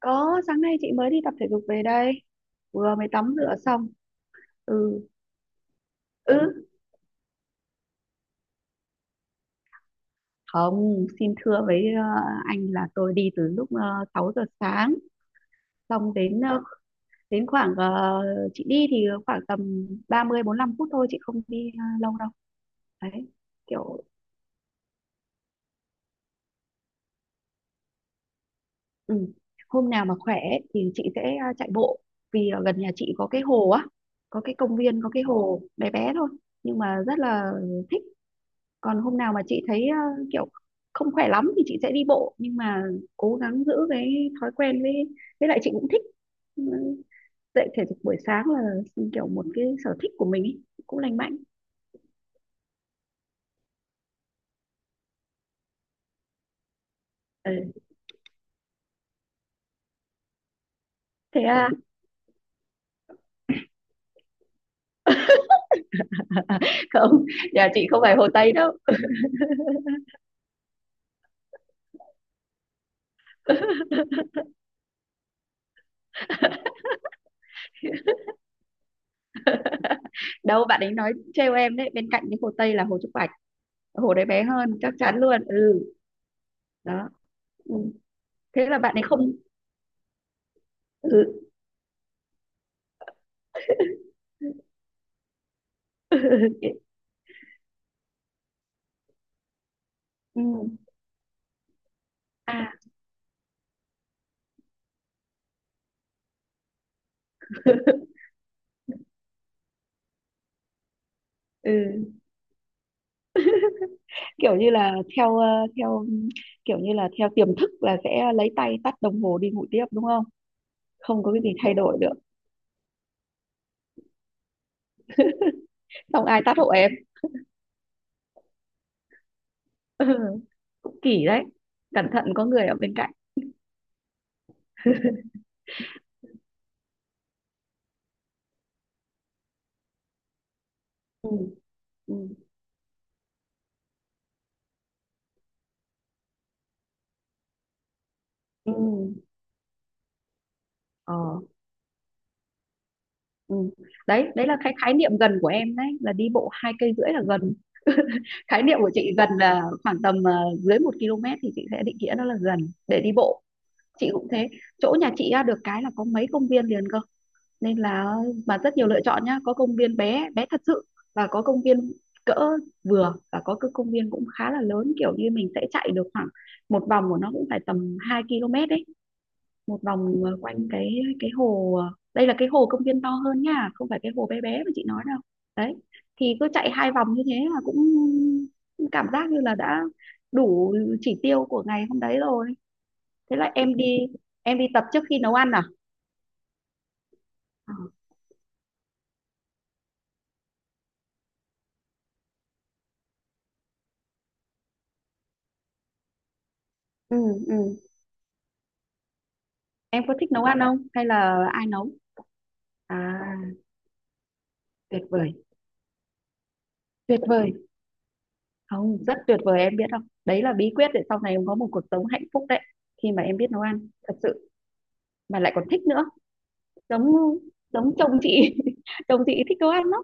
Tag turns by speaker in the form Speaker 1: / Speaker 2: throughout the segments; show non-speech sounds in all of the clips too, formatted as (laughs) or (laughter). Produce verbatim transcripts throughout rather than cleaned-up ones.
Speaker 1: Có, sáng nay chị mới đi tập thể dục về đây. Vừa mới tắm rửa xong. Ừ, ừ, không, xin thưa với ờ, anh là tôi đi từ lúc uh, sáu giờ sáng. Xong đến ờ, đến khoảng, ờ, chị đi thì khoảng tầm ba mươi lăm phút thôi, chị không đi ờ, lâu đâu. Đấy, kiểu, ừ. Hôm nào mà khỏe ấy thì chị sẽ ờ, chạy bộ. Vì ở gần nhà chị có cái hồ á, có cái công viên, có cái hồ bé bé thôi. Nhưng mà rất là thích, còn hôm nào mà chị thấy ờ, kiểu không khỏe lắm thì chị sẽ đi bộ, nhưng mà cố gắng giữ cái thói quen với với lại chị cũng thích ừ, dậy thể dục buổi sáng là ừ, kiểu một cái sở thích của mình ý, cũng lành mạnh. Ừ. Thế à. (laughs) Không, nhà chị không phải Hồ Tây đâu. (laughs) Đâu, bạn ấy nói trêu em đấy, bên cạnh cái Hồ Tây là Hồ Trúc Bạch, hồ đấy bé hơn chắc chắn luôn. Ừ. Đó. Ừ. Thế là bạn ấy không. Ừ. Ừ. Ừ. Ừ, à. (laughs) Ừ, kiểu như là theo ờ, theo kiểu như là theo tiềm thức là sẽ lấy tay tắt đồng hồ đi ngủ tiếp, đúng không? Không có cái gì thay đổi được. Xong ai tắt hộ em. (laughs) Ừ, kỳ đấy. Cẩn thận có người ở bên cạnh. Ừ, ừ, ừ, ờ, ừ. Đấy, đấy là cái khái niệm gần của em đấy, là đi bộ hai cây rưỡi là gần. (laughs) Khái niệm của chị gần là khoảng tầm ờ, dưới một km thì chị sẽ định nghĩa nó là gần, để đi bộ. Chị cũng thế. Chỗ nhà chị á, được cái là có mấy công viên liền cơ, nên là bạn rất nhiều lựa chọn nhá, có công viên bé bé thật sự, và có công viên cỡ vừa, và có cái công viên cũng khá là lớn, kiểu như mình sẽ chạy được khoảng một vòng của nó cũng phải tầm hai ki lô mét đấy, một vòng ờ, quanh cái cái hồ ờ, đây là cái hồ công viên to hơn nha, không phải cái hồ bé bé mà chị nói đâu. Đấy thì cứ chạy hai vòng như thế là cũng cảm giác như là đã đủ chỉ tiêu của ngày hôm đấy rồi. Thế là em đi, em đi tập trước khi nấu ăn à. Ờ. Ừ, ừ. Em có thích nấu ăn không? Hay là ai nấu? À, tuyệt vời, tuyệt vời. Không, rất tuyệt vời em biết không? Đấy là bí quyết để sau này em có một cuộc sống hạnh phúc đấy. Khi mà em biết nấu ăn, thật sự. Mà lại còn thích nữa. Giống giống chồng chị. (laughs) Chồng chị thích nấu ăn lắm.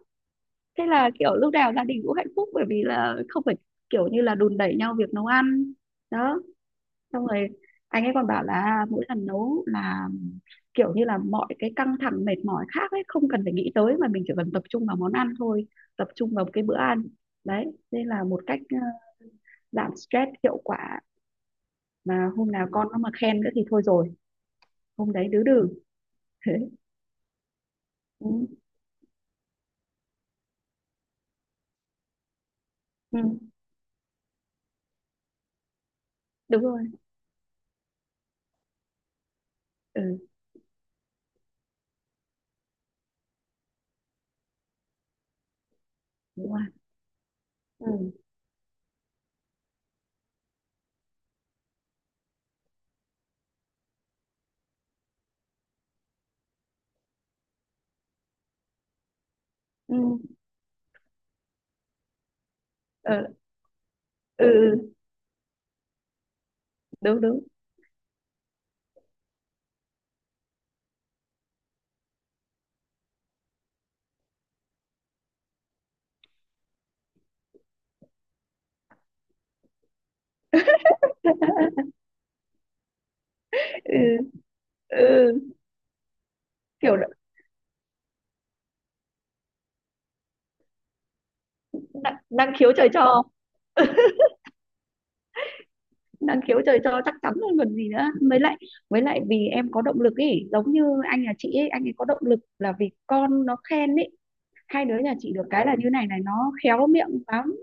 Speaker 1: Thế là kiểu lúc nào gia đình cũng hạnh phúc, bởi vì là không phải kiểu như là đùn đẩy nhau việc nấu ăn. Đó, xong rồi anh ấy còn bảo là mỗi lần nấu là kiểu như là mọi cái căng thẳng mệt mỏi khác ấy không cần phải nghĩ tới, mà mình chỉ cần tập trung vào món ăn thôi, tập trung vào cái bữa ăn. Đấy, đây là một cách ờ, giảm stress hiệu quả, mà hôm nào con nó mà khen nữa thì thôi rồi, hôm đấy đứa đừ. (laughs) Thế. Ừ, ừ, đúng rồi. Ừ, đúng rồi. Ừ, ừ, ờ, ừ, ừ, đúng đúng. (laughs) Ừ, ừ, kiểu năng, năng khiếu trời cho. Đang khiếu trời cho chắc chắn rồi còn gì nữa. Với lại với lại vì em có động lực ấy, giống như anh nhà chị ấy, anh ấy có động lực là vì con nó khen ấy. Hai đứa nhà chị được cái là như này này, nó khéo miệng lắm.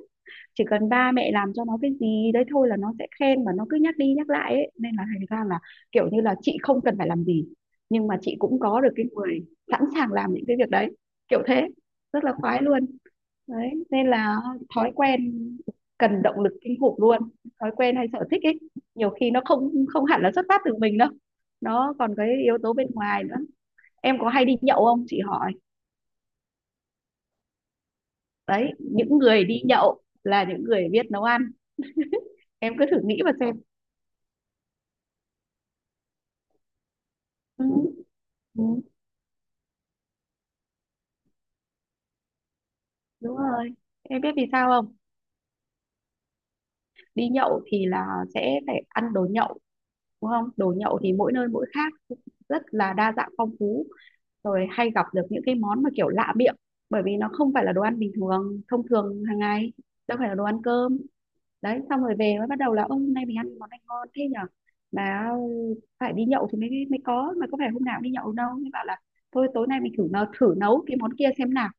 Speaker 1: Chỉ cần ba mẹ làm cho nó cái gì đấy thôi là nó sẽ khen, và nó cứ nhắc đi nhắc lại ấy, nên là thành ra là kiểu như là chị không cần phải làm gì, nhưng mà chị cũng có được cái người sẵn sàng làm những cái việc đấy, kiểu thế. Rất là khoái luôn. Đấy nên là thói quen cần động lực kinh khủng luôn, thói quen hay sở thích ấy, nhiều khi nó không không hẳn là xuất phát từ mình đâu, nó còn cái yếu tố bên ngoài nữa. Em có hay đi nhậu không chị hỏi. Đấy, những người đi nhậu là những người biết nấu ăn, em cứ thử nghĩ mà xem. Ừ, ừ, đúng rồi. Em biết vì sao không? Đi nhậu thì là sẽ phải ăn đồ nhậu, đúng không? Đồ nhậu thì mỗi nơi mỗi khác, rất là đa dạng phong phú, rồi hay gặp được những cái món mà kiểu lạ miệng, bởi vì nó không phải là đồ ăn bình thường thông thường hàng ngày, đâu phải là đồ ăn cơm. Đấy, xong rồi về mới bắt đầu là ông hôm nay mình ăn món này ngon thế nhở, mà phải đi nhậu thì mới mới có, mà có phải hôm nào cũng đi nhậu đâu, mới bảo là thôi tối nay mình thử nấu thử nấu cái món kia xem nào.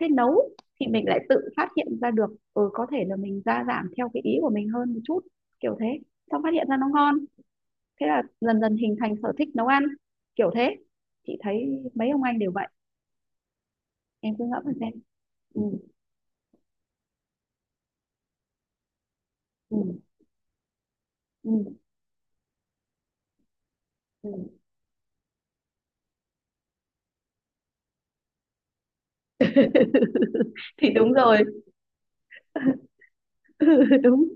Speaker 1: Thế nấu thì mình lại tự phát hiện ra được, ừ, có thể là mình gia giảm theo cái ý của mình hơn một chút, kiểu thế, xong phát hiện ra nó ngon, thế là dần dần hình thành sở thích nấu ăn, kiểu thế. Chị thấy mấy ông anh đều vậy, em cứ ngẫm mà xem. Ừ, ừ, ừ, ừ. (laughs) Thì đúng rồi. (laughs) Đúng.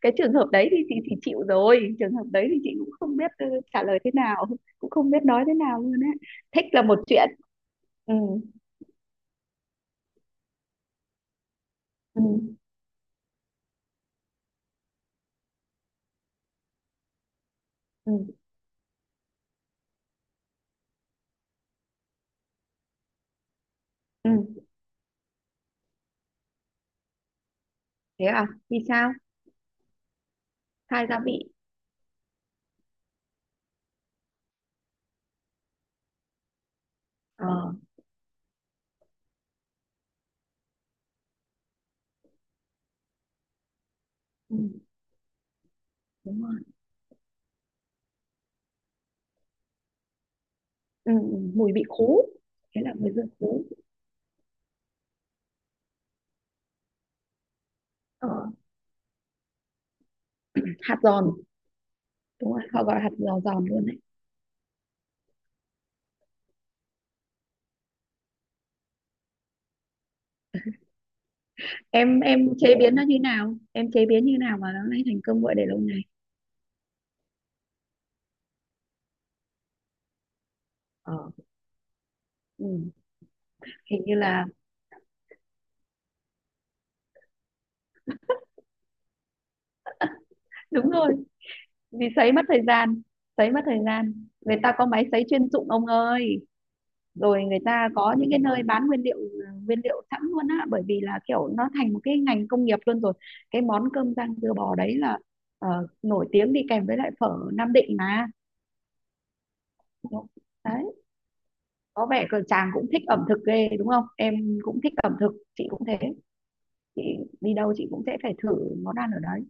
Speaker 1: Cái trường hợp đấy thì, thì thì chịu rồi, trường hợp đấy thì chị cũng không biết ừ, trả lời thế nào, cũng không biết nói thế nào luôn á. Thích là một chuyện. Ừ, ừ, ừ, ừ. Thế à? Vì sao? Thay gia vị. Ờ. Ừ, đúng rồi. Ừ, ừ, mùi vị khú. Thế là mùi dương khú. Ờ, hạt giòn. Đúng rồi, họ gọi hạt giò giòn luôn đấy. em em chế biến nó như nào, em chế biến như nào mà nó lại thành công gọi để lâu ngày. Ờ, ừ. Hình như là. (laughs) Đúng rồi, vì sấy mất thời gian, sấy mất thời gian. Người ta có máy sấy chuyên dụng ông ơi, rồi người ta có những cái nơi bán nguyên liệu, à, nguyên liệu sẵn luôn á, bởi vì là kiểu nó thành một cái ngành công nghiệp luôn rồi. Cái món cơm rang dưa bò đấy là ờ, nổi tiếng đi kèm với lại phở Nam Định mà. Đấy, có vẻ cờ chàng cũng thích ẩm thực ghê đúng không, em cũng thích ẩm thực, chị cũng thế. Chị đi đâu chị cũng sẽ phải thử món ăn ở đấy,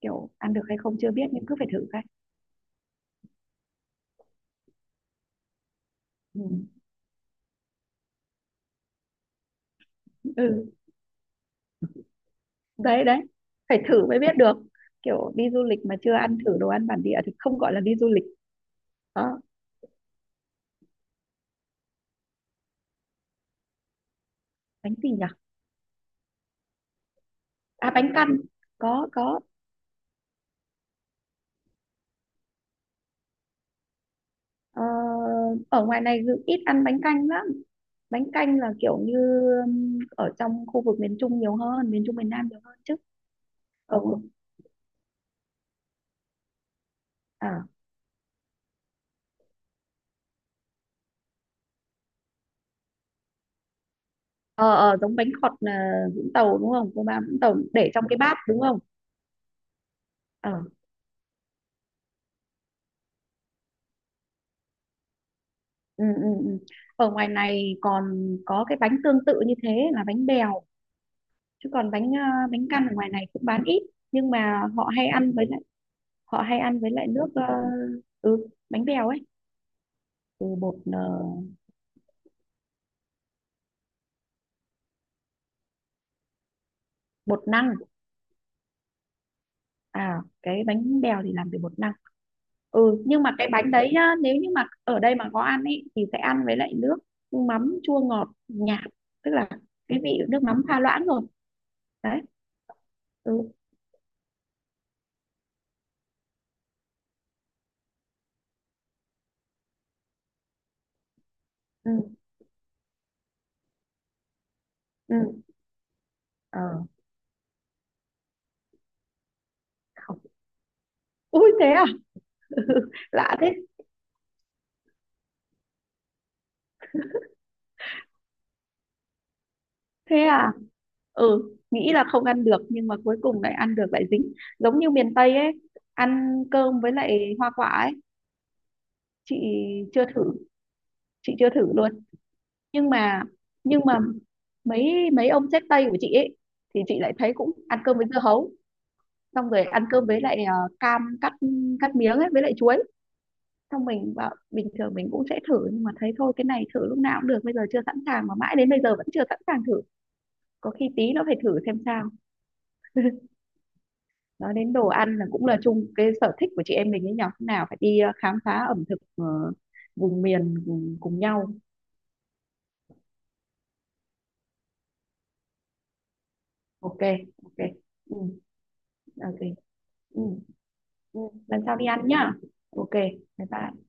Speaker 1: kiểu ăn được hay không chưa biết nhưng cứ phải thử cái. Ừ. Ừ. Đấy, đấy, phải thử mới biết được. Kiểu đi du lịch mà chưa ăn thử đồ ăn bản địa thì không gọi là đi du lịch. Đó. Bánh gì nhỉ? À, bánh căn, có có. Ờ, ở ngoài này dự- ít ăn bánh canh lắm, bánh canh là kiểu như um, ở trong khu vực miền Trung nhiều hơn, miền Trung miền Nam nhiều hơn chứ. Ở. À, ờ, ờ, giống bánh khọt là Vũng Tàu đúng không, cô ba Vũng Tàu, để trong cái bát đúng không? Ờ. Ừ, ừ, ừ. Ở ngoài này còn có cái bánh tương tự như thế là bánh bèo, chứ còn bánh ờ, bánh căn ở ngoài này cũng bán ít, nhưng mà họ hay ăn với lại, họ hay ăn với lại nước ờ, ừ, bánh bèo ấy, từ bột ờ, bột năng. À, cái bánh bèo thì làm từ bột năng. Ừ, nhưng mà cái bánh đấy nhá, nếu như mà ở đây mà có ăn ấy thì sẽ ăn với lại nước mắm chua ngọt nhạt, tức là cái vị nước mắm pha loãng rồi. Đấy. Ừ, ừ, ừ, ờ, không. Ui, thế à. (laughs) Lạ thế. Thế à. Ừ, nghĩ là không ăn được nhưng mà cuối cùng lại ăn được, lại dính. Giống như miền Tây ấy, ăn cơm với lại hoa quả ấy. Chị chưa thử. Chị chưa thử luôn. Nhưng mà, nhưng mà mấy mấy ông sếp Tây của chị ấy thì chị lại thấy cũng ăn cơm với dưa hấu, xong rồi ăn cơm với lại ờ, cam cắt, cắt miếng ấy với lại chuối. Xong mình bảo bình thường mình cũng sẽ thử nhưng mà thấy thôi cái này thử lúc nào cũng được, bây giờ chưa sẵn sàng mà mãi đến bây giờ vẫn chưa sẵn sàng thử, có khi tí nó phải thử xem sao. Nói đến đồ ăn là cũng là chung cái sở thích của chị em mình ấy nhỉ. Lúc nào phải đi ờ, khám phá ẩm thực ờ, vùng miền cùng, cùng nhau. Ok. Ok. Ừ, ok. Ừ, ừ. Lần sau đi ăn nhá. Ok. Bye bye.